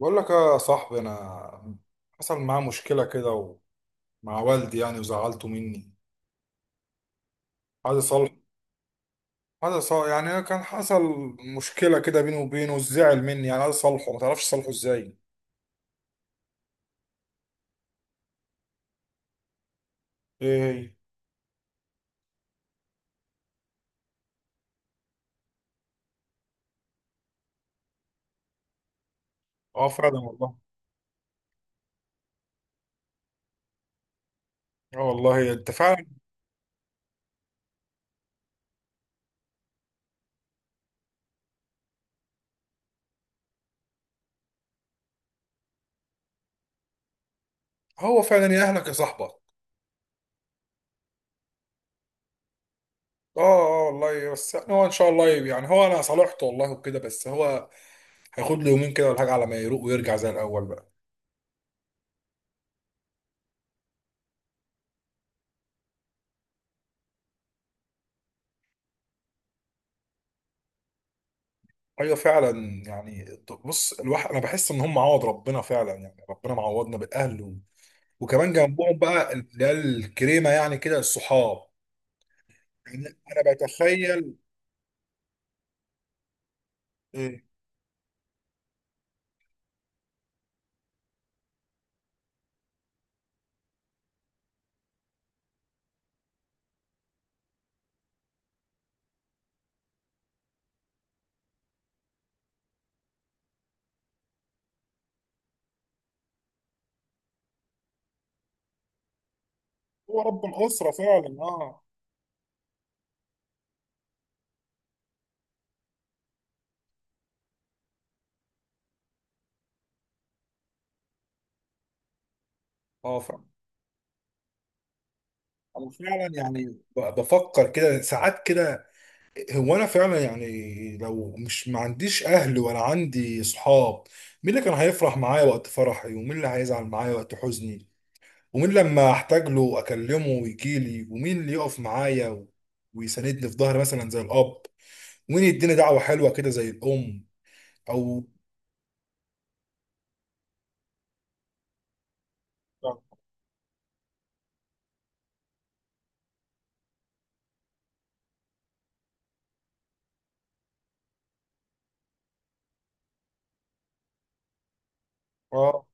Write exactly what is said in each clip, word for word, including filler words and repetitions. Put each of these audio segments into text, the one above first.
بقول لك يا صاحبي، انا حصل معاه مشكله كده، ومع والدي يعني، وزعلته مني. عايز اصلح عايز اصلح، يعني كان حصل مشكله كده بيني وبينه، وزعل مني، يعني عايز اصلحه، ما تعرفش اصلحه ازاي. ايه هي؟ اه فعلا والله. اه والله انت فعلا. هو فعلا يأهلك يا صاحبك. اه. اه والله، بس يعني هو، ان شاء الله، يعني هو انا صالحته والله وكده، بس هو هياخد له يومين كده ولا حاجه على ما يروق ويرجع زي الاول بقى. ايوه فعلا يعني. بص الواحد، انا بحس ان هم عوض ربنا فعلا، يعني ربنا معوضنا بالاهل و... وكمان جنبهم بقى اللي هي الكريمه، يعني كده الصحاب. يعني انا بتخيل. إيه، هو رب الاسره فعلا، اه. اه فعلا. انا فعلا يعني، ب- بفكر كده ساعات كده. هو انا فعلا يعني، لو مش، ما عنديش اهل ولا عندي صحاب، مين اللي كان هيفرح معايا وقت فرحي، ومين اللي هيزعل معايا وقت حزني، ومين لما احتاج له اكلمه ويجي لي، ومين اللي يقف معايا و- ويساندني في ظهري مثلا زي الاب، ومين يديني دعوه حلوه كده زي الام، او... اه.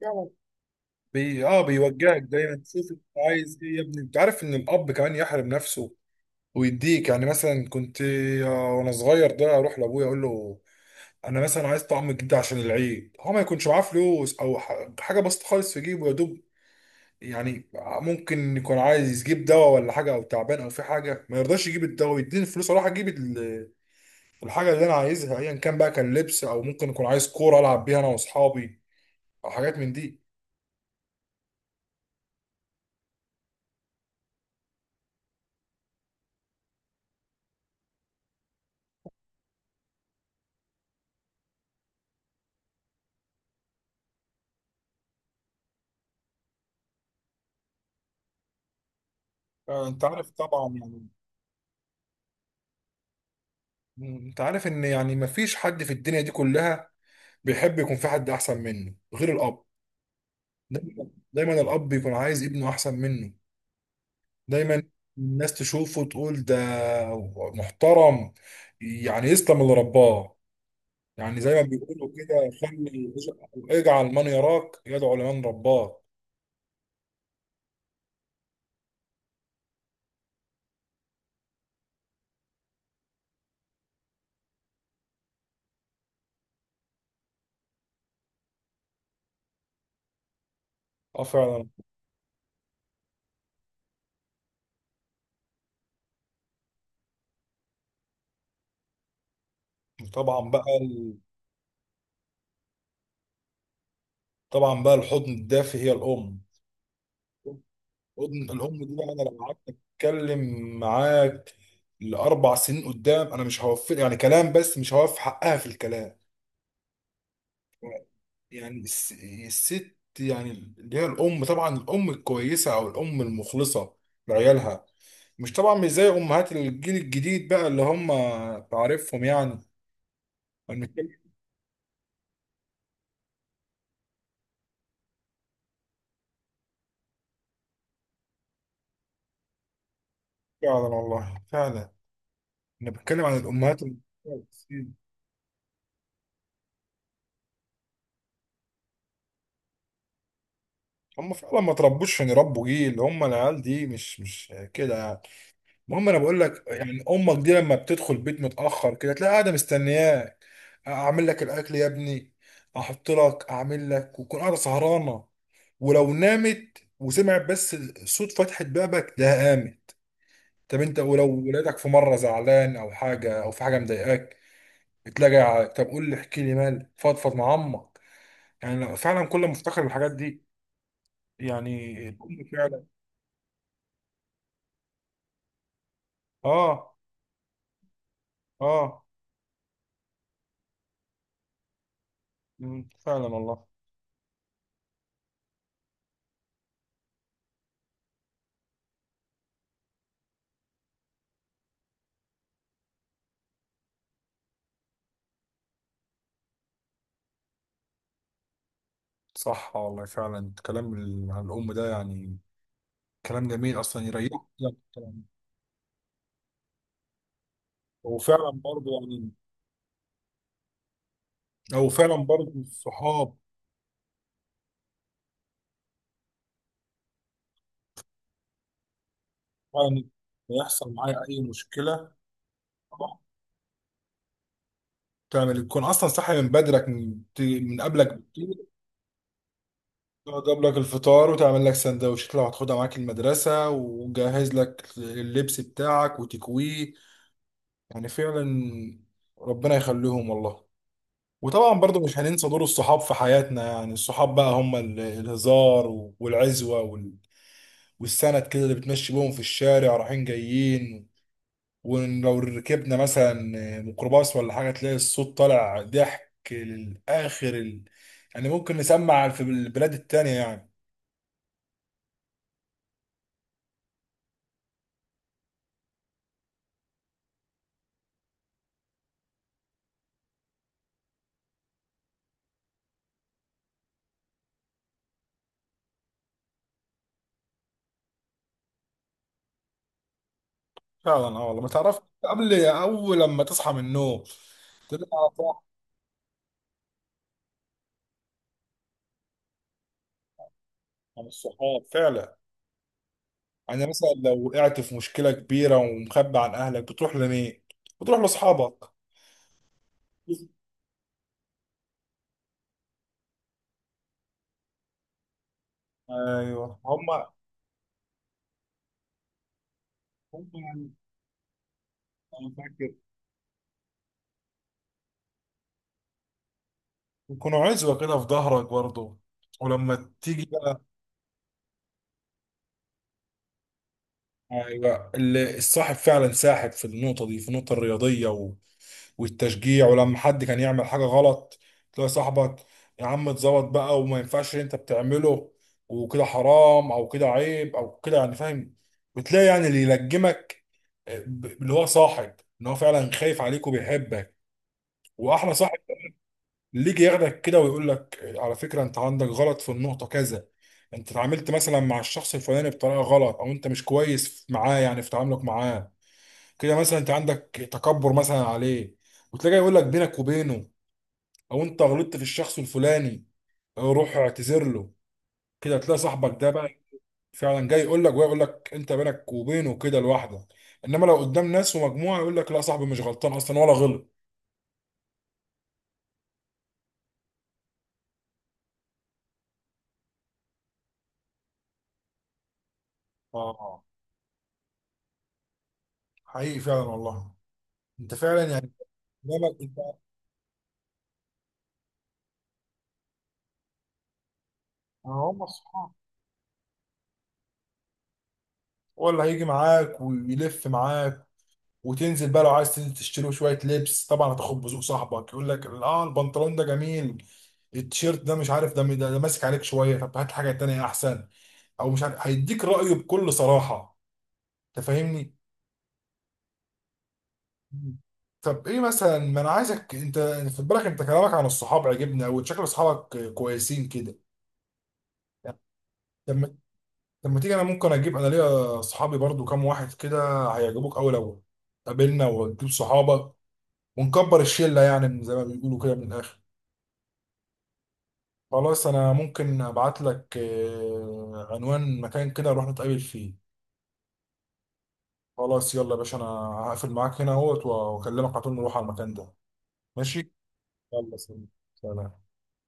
يعني بي... اه بيوجهك دايما، شوف انت عايز ايه يا ابني. انت عارف ان الاب كمان يحرم نفسه ويديك، يعني مثلا كنت، آه، وانا صغير ده، اروح لابويا اقول له: انا مثلا عايز طعم جديد عشان العيد، هو ما يكونش معاه فلوس، او ح- حاجه بسيطه خالص في جيبه، يا دوب يعني. ممكن يكون عايز يجيب دواء ولا حاجه، او تعبان، او في حاجه ما يرضاش يجيب الدواء، يديني الفلوس اروح اجيب ال- الحاجه اللي انا عايزها، ايا كان بقى، كان لبس او ممكن يكون عايز كوره العب بيها انا واصحابي، او حاجات من دي. آه، انت عارف طبعا يعني، م- انت عارف ان، يعني ما فيش حد في الدنيا دي كلها بيحب يكون في حد احسن منه غير الاب. دايما دايما الاب بيكون عايز ابنه احسن منه. دايما الناس تشوفه تقول ده محترم، يعني يسلم اللي رباه. يعني زي ما بيقولوا كده: خلي، اجعل من يراك يدعو لمن رباك. اه فعلا. طبعا بقى ال- طبعا بقى الحضن الدافي هي الام. الحضن- الام دي بقى، انا لو قعدت اتكلم معاك لاربع سنين قدام، انا مش هوفر يعني كلام، بس مش هوفي حقها في الكلام. يعني الس- الست، يعني اللي هي الام، طبعا الام الكويسه او الام المخلصه لعيالها، مش طبعا مش زي امهات الجيل الجديد بقى اللي هم، تعرفهم يعني. فعلا والله فعلا. انا بتكلم عن الامهات المسيحيين. هم فعلا ما تربوش عشان يربوا جيل، هم العيال دي مش مش كده يعني. المهم، انا بقول لك يعني امك دي لما بتدخل بيت متاخر كده، تلاقي قاعده مستنياك: اعمل لك الاكل يا ابني، احط لك، اعمل لك، وتكون قاعده سهرانه. ولو نامت وسمعت بس صوت فتحه بابك ده، قامت. طب انت، ولو ولادك في مره زعلان او حاجه، او في حاجه مضايقاك، تلاقي: طب قول لي، احكي لي مالك، فضفض مع امك. يعني لو- فعلا كل ما افتكر الحاجات دي، يعني الأم فعلا. اه. اه. مم، فعلا والله. صح والله فعلا. الكلام ال- عن الأم ده، يعني كلام جميل أصلا، يريحك كده في الكلام. وفعلا برضه يعني، أو فعلا برضه الصحاب. فعلا يحصل معايا أي مشكلة، آه، تعمل يكون أصلا صاحي من بدرك، من ت- من قبلك بكتير، تجيب لك الفطار وتعمل لك سندوتشات لو هتاخدها معاك المدرسة، وجهز لك اللبس بتاعك وتكويه. يعني فعلا، ربنا يخليهم والله. وطبعا برضو مش هننسى دور الصحاب في حياتنا، يعني الصحاب بقى هم ال- الهزار و- والعزوة وال- والسند كده، اللي بتمشي بيهم في الشارع رايحين جايين. ولو ركبنا مثلا ميكروباص ولا حاجة، تلاقي الصوت طالع ضحك للآخر، ال... يعني ممكن نسمع في البلاد التانية يعني. فعلا، اه والله، ما تعرف قبل، أول لما تصحى من النوم، تبقى صح. عن الصحاب فعلا، يعني مثلا لو وقعت في مشكلة كبيرة ومخبي عن أهلك، بتروح لمين؟ بتروح لأصحابك. أيوه هما. هما يعني، أنا فاكر يكونوا عزوة كده في ظهرك برضه. ولما تيجي بقى، أيوه اللي الصاحب فعلا ساحب، في النقطة دي في النقطة الرياضية والتشجيع. ولما حد كان يعمل حاجة غلط، تلاقي صاحبك: يا عم اتظبط بقى، وما ينفعش اللي انت بتعمله وكده، حرام او كده عيب او كده، يعني فاهم. بتلاقي يعني اللي يلجمك، آه، ب- اللي هو صاحب، ان هو فعلا خايف عليك وبيحبك. واحلى صاحب اللي يجي ياخدك كده ويقول لك: آه، على فكرة، انت عندك غلط في النقطة كذا. انت اتعاملت مثلا مع الشخص الفلاني بطريقة غلط، او انت مش كويس معاه يعني في تعاملك معاه كده مثلا، انت عندك تكبر مثلا عليه. وتلاقيه يقول لك بينك وبينه: او انت غلطت في الشخص الفلاني، روح اعتذر له. كده هتلاقي صاحبك ده بقى، فعلا جاي يقول لك، ويقول لك انت بينك وبينه كده لوحدك. انما لو قدام ناس ومجموعه، يقول لك: لا صاحبي مش غلطان اصلا ولا غلط. اه. حقيقي فعلا والله. انت فعلا يعني، قدامك انت. آه، هم الصحاب، هو اللي هيجي معاك ويلف معاك، وتنزل بقى، لو عايز تنزل تشتري له شويه لبس، طبعا هتاخد بذوق صاحبك. يقول لك: اه البنطلون ده جميل، التيشيرت ده مش عارف، ده ده, ده ماسك عليك شويه، طب هات حاجه تانيه احسن. او مش عارف، هيديك رايه بكل صراحه. انت فاهمني؟ مم. طب ايه مثلا، ما انا عايزك انت خد بالك، انت كلامك عن الصحاب عجبني، او شكل اصحابك كويسين كده. لما لما تيجي، انا ممكن اجيب انا ليا صحابي برضو كام واحد كده، هيعجبوك اوي لو قابلنا وتجيب صحابك، ونكبر الشله يعني، من زي ما بيقولوا كده، من الاخر. خلاص، انا ممكن ابعت لك آه، عنوان مكان كده نروح نتقابل فيه. خلاص يلا يا باشا، انا هقفل معاك هنا اهوت، واكلمك على طول نروح على المكان ده. ماشي. يلا سلام. سلام.